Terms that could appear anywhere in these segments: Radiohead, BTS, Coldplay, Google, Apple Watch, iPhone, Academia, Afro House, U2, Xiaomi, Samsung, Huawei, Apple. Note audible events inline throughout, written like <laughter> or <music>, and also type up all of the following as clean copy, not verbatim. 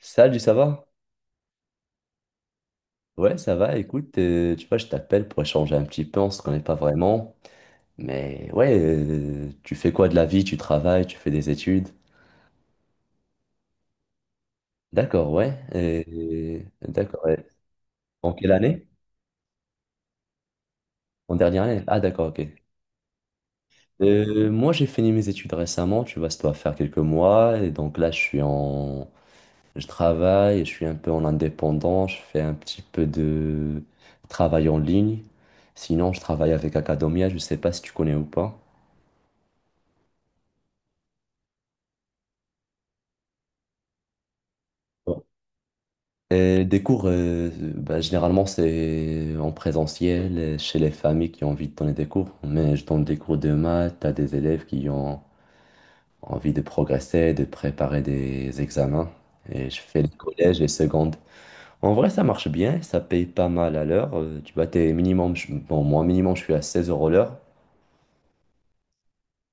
Salut, ça va? Ouais, ça va. Écoute, tu vois, je t'appelle pour échanger un petit peu. On se connaît pas vraiment. Mais ouais, tu fais quoi de la vie? Tu travailles, tu fais des études? D'accord, ouais. D'accord. Ouais. En quelle année? En dernière année? Ah, d'accord, ok. Moi, j'ai fini mes études récemment. Tu vois, ça doit faire quelques mois. Et donc là, je suis en... Je travaille, je suis un peu en indépendant. Je fais un petit peu de travail en ligne. Sinon, je travaille avec Academia. Je sais pas si tu connais ou pas. Et des cours, bah, généralement, c'est en présentiel chez les familles qui ont envie de donner des cours. Mais je donne des cours de maths à des élèves qui ont envie de progresser, de préparer des examens. Et je fais les collèges, et secondes. En vrai, ça marche bien, ça paye pas mal à l'heure. Tu vois, t'es minimum, bon, moi, minimum, je suis à 16 euros l'heure.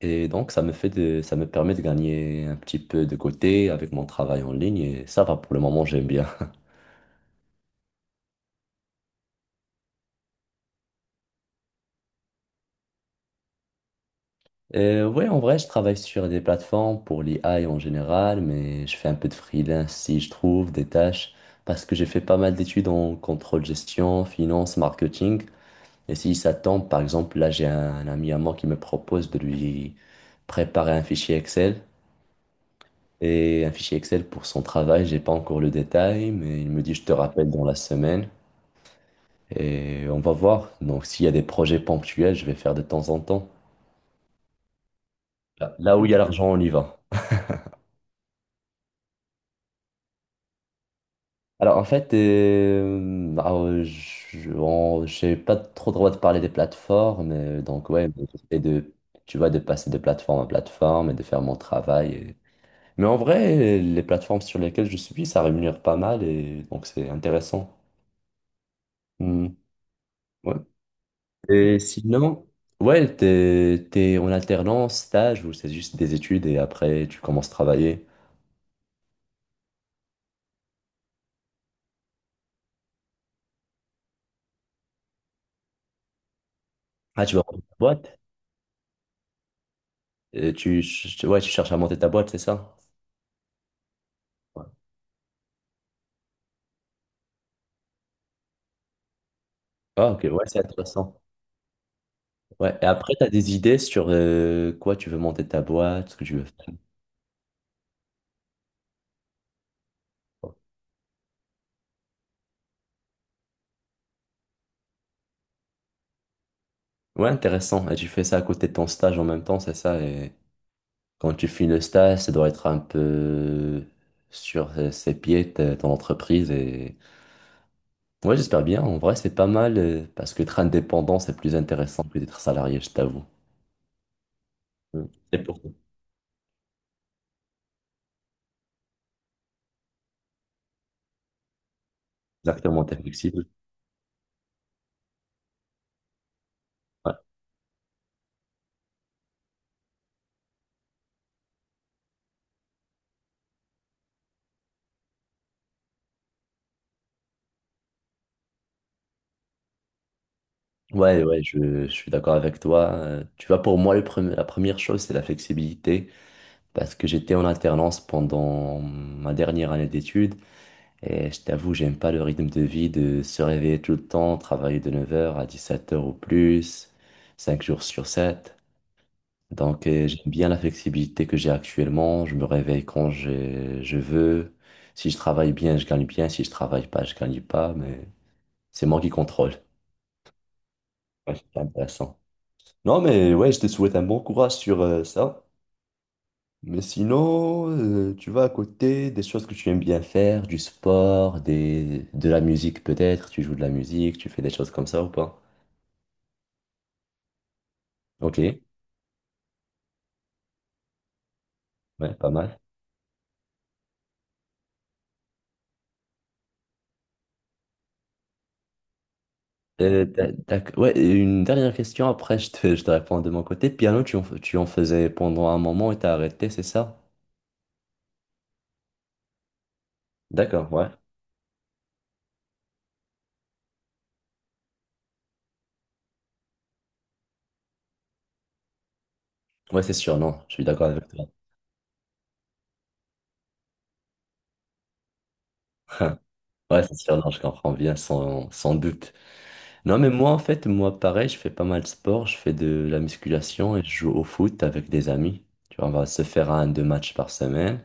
Et donc, ça me permet de gagner un petit peu de côté avec mon travail en ligne. Et ça va, pour le moment, j'aime bien. Ouais, en vrai, je travaille sur des plateformes pour l'IA en général, mais je fais un peu de freelance si je trouve des tâches, parce que j'ai fait pas mal d'études en contrôle gestion, finance, marketing. Et si ça tombe, par exemple, là, j'ai un ami à moi qui me propose de lui préparer un fichier Excel pour son travail. J'ai pas encore le détail, mais il me dit, je te rappelle dans la semaine et on va voir. Donc, s'il y a des projets ponctuels, je vais faire de temps en temps. Là où il y a l'argent, on y va. Alors en fait, j'ai pas trop le droit de parler des plateformes, donc ouais, mais j'essaie de, tu vois, de passer de plateforme à plateforme et de faire mon travail. Mais en vrai, les plateformes sur lesquelles je suis, ça rémunère pas mal et donc c'est intéressant. Hmm, ouais. Et sinon, ouais, t'es en alternance, stage ou c'est juste des études et après tu commences à travailler. Ah, tu vas monter ta boîte? Ouais, tu cherches à monter ta boîte, c'est ça? Ouais. Ah, ok, ouais, c'est intéressant. Ouais, et après, tu as des idées sur quoi tu veux monter ta boîte, ce que tu veux faire. Quoi. Ouais, intéressant. Et tu fais ça à côté de ton stage en même temps, c'est ça. Et quand tu finis le stage, ça doit être un peu sur ses pieds, ton entreprise. Et... Ouais, j'espère bien. En vrai, c'est pas mal parce que être indépendant, c'est plus intéressant que d'être salarié, je t'avoue. Mm. C'est pour. Exactement, t'es flexible. Ouais, ouais, ouais, je suis d'accord avec toi. Tu vois, pour moi, la première chose, c'est la flexibilité. Parce que j'étais en alternance pendant ma dernière année d'études et je t'avoue, j'aime pas le rythme de vie de se réveiller tout le temps, travailler de 9 heures à 17 heures ou plus, 5 jours sur 7. Donc j'aime bien la flexibilité que j'ai actuellement, je me réveille quand je veux. Si je travaille bien, je gagne bien, si je travaille pas, je gagne pas, mais c'est moi qui contrôle. Ouais, c'est intéressant. Non, mais ouais, je te souhaite un bon courage sur ça. Mais sinon, tu vas à côté des choses que tu aimes bien faire, du sport, des... de la musique peut-être, tu joues de la musique, tu fais des choses comme ça ou pas? Ok, ouais, pas mal. Euh, t'as- ouais, et une dernière question, après je te réponds de mon côté. Piano, tu en faisais pendant un moment et t'as arrêté, c'est ça? D'accord, ouais. Ouais, c'est sûr, non, je suis d'accord avec toi. Ouais, c'est sûr, non, je comprends bien, sans doute. Non, mais moi, en fait, moi, pareil, je fais pas mal de sport, je fais de la musculation et je joue au foot avec des amis. Tu vois, on va se faire un, deux matchs par semaine.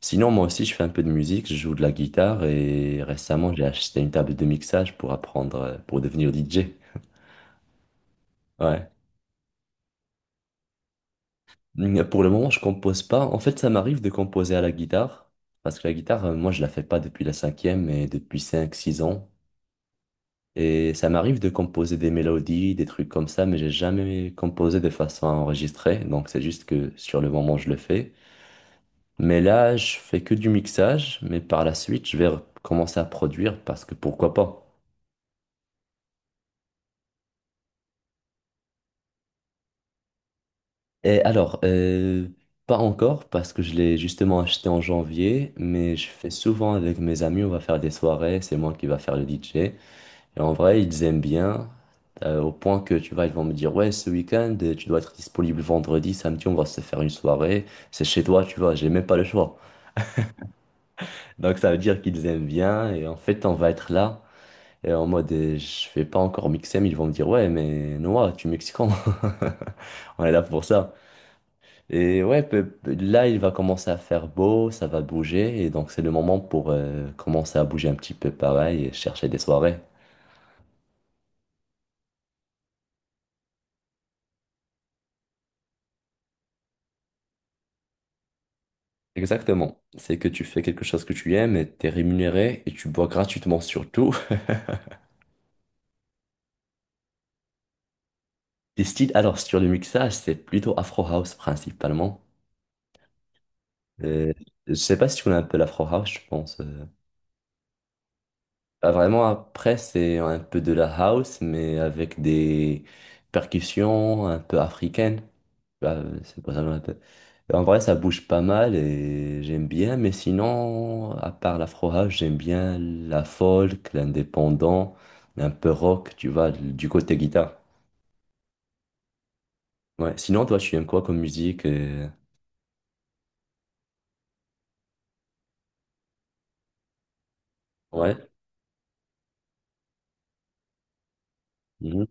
Sinon, moi aussi, je fais un peu de musique, je joue de la guitare et récemment, j'ai acheté une table de mixage pour apprendre, pour devenir DJ. Ouais. Pour le moment, je compose pas. En fait, ça m'arrive de composer à la guitare parce que la guitare, moi, je la fais pas depuis la cinquième, mais depuis cinq six ans. Et ça m'arrive de composer des mélodies, des trucs comme ça, mais j'ai jamais composé de façon à enregistrer. Donc c'est juste que sur le moment, je le fais. Mais là, je fais que du mixage, mais par la suite, commencer à produire parce que pourquoi pas. Et alors, pas encore parce que je l'ai justement acheté en janvier, mais je fais souvent avec mes amis, on va faire des soirées, c'est moi qui va faire le DJ. Et en vrai, ils aiment bien, au point que tu vois, ils vont me dire, ouais, ce week-end, tu dois être disponible vendredi, samedi, on va se faire une soirée, c'est chez toi, tu vois, j'ai même pas le choix. Donc ça veut dire qu'ils aiment bien, et en fait, on va être là, et en mode, je vais pas encore mixer, mais ils vont me dire, ouais, mais Noah, tu es mexicain, <laughs> on est là pour ça. Et ouais, là, il va commencer à faire beau, ça va bouger, et donc c'est le moment pour commencer à bouger un petit peu pareil et chercher des soirées. Exactement. C'est que tu fais quelque chose que tu aimes et t'es rémunéré et tu bois gratuitement surtout. <laughs> Les styles, alors, sur le mixage, c'est plutôt Afro House principalement. Euh, je sais pas si tu connais un peu l'Afro House, je pense. Ah, vraiment, après, c'est un peu de la house, mais avec des percussions un peu africaines. Bah, c'est pour ça qu'on l'appelle. Et en vrai, ça bouge pas mal et j'aime bien, mais sinon, à part l'afro house, j'aime bien la folk, l'indépendant, un peu rock, tu vois, du côté guitare. Ouais. Sinon, toi, tu aimes quoi comme musique? Ouais. Mhm.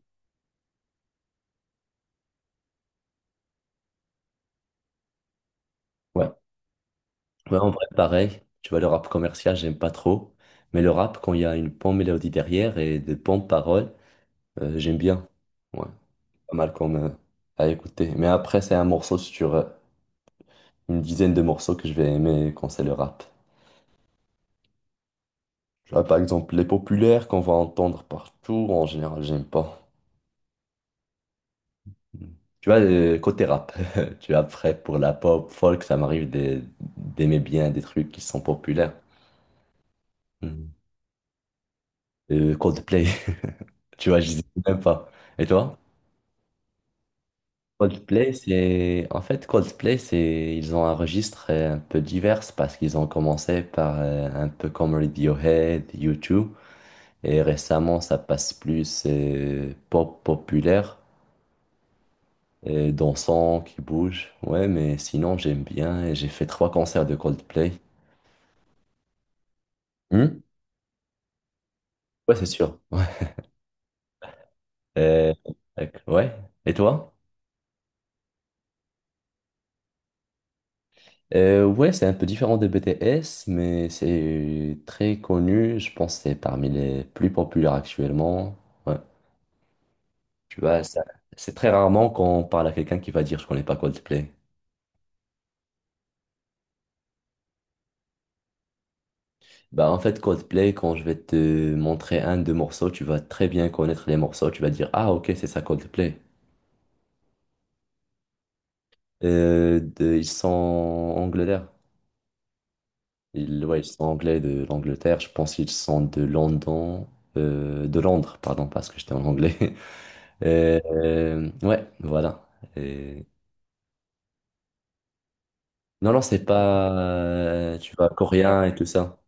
Ouais. Ouais, en vrai, pareil. Tu vois, le rap commercial, j'aime pas trop. Mais le rap, quand il y a une bonne mélodie derrière et de bonnes paroles, j'aime bien. Ouais, pas mal comme à écouter. Mais après, c'est un morceau sur une dizaine de morceaux que je vais aimer quand c'est le rap. Tu vois, par exemple, les populaires qu'on va entendre partout, en général, j'aime pas. Mm. Tu vois, côté rap, <laughs> tu vois, après, pour la pop, folk, ça m'arrive d'aimer bien des trucs qui sont populaires. Mm. Coldplay, <laughs> tu vois, j'hésite même pas. Et toi? Coldplay, c'est... En fait, Coldplay, c'est... Ils ont un registre un peu divers parce qu'ils ont commencé par un peu comme Radiohead, U2, et récemment, ça passe plus pop populaire, et dansant, qui bouge. Ouais, mais sinon, j'aime bien et j'ai fait trois concerts de Coldplay. Hmm. Ouais, c'est sûr. Ouais. Euh, ouais. Et toi? Ouais, c'est un peu différent des BTS, mais c'est très connu. Je pense que c'est parmi les plus populaires actuellement. Ouais. Tu vois, ça- c'est très rarement qu'on parle à quelqu'un qui va dire je connais pas Coldplay. Bah, en fait, Coldplay, quand je vais te montrer un, deux morceaux, tu vas très bien connaître les morceaux. Tu vas dire ah, ok, c'est ça Coldplay. Ils sont Angleterre. Ils, ouais, ils sont anglais de l'Angleterre. Je pense qu'ils sont de London, de Londres, pardon, parce que j'étais en anglais. <laughs> Ouais, voilà. Et- Non, non, c'est pas, tu vois, coréen et tout ça.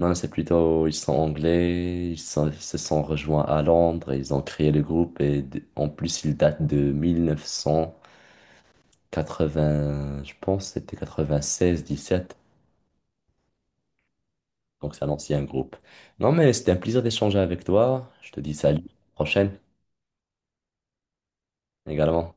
Non, non, c'est plutôt, ils sont anglais, ils se sont rejoints à Londres, et ils ont créé le groupe et en plus, ils datent de 1980, je pense, c'était 96, 17. Donc, c'est un ancien groupe. Non, mais c'était un plaisir d'échanger avec toi. Je te dis salut, à la prochaine également.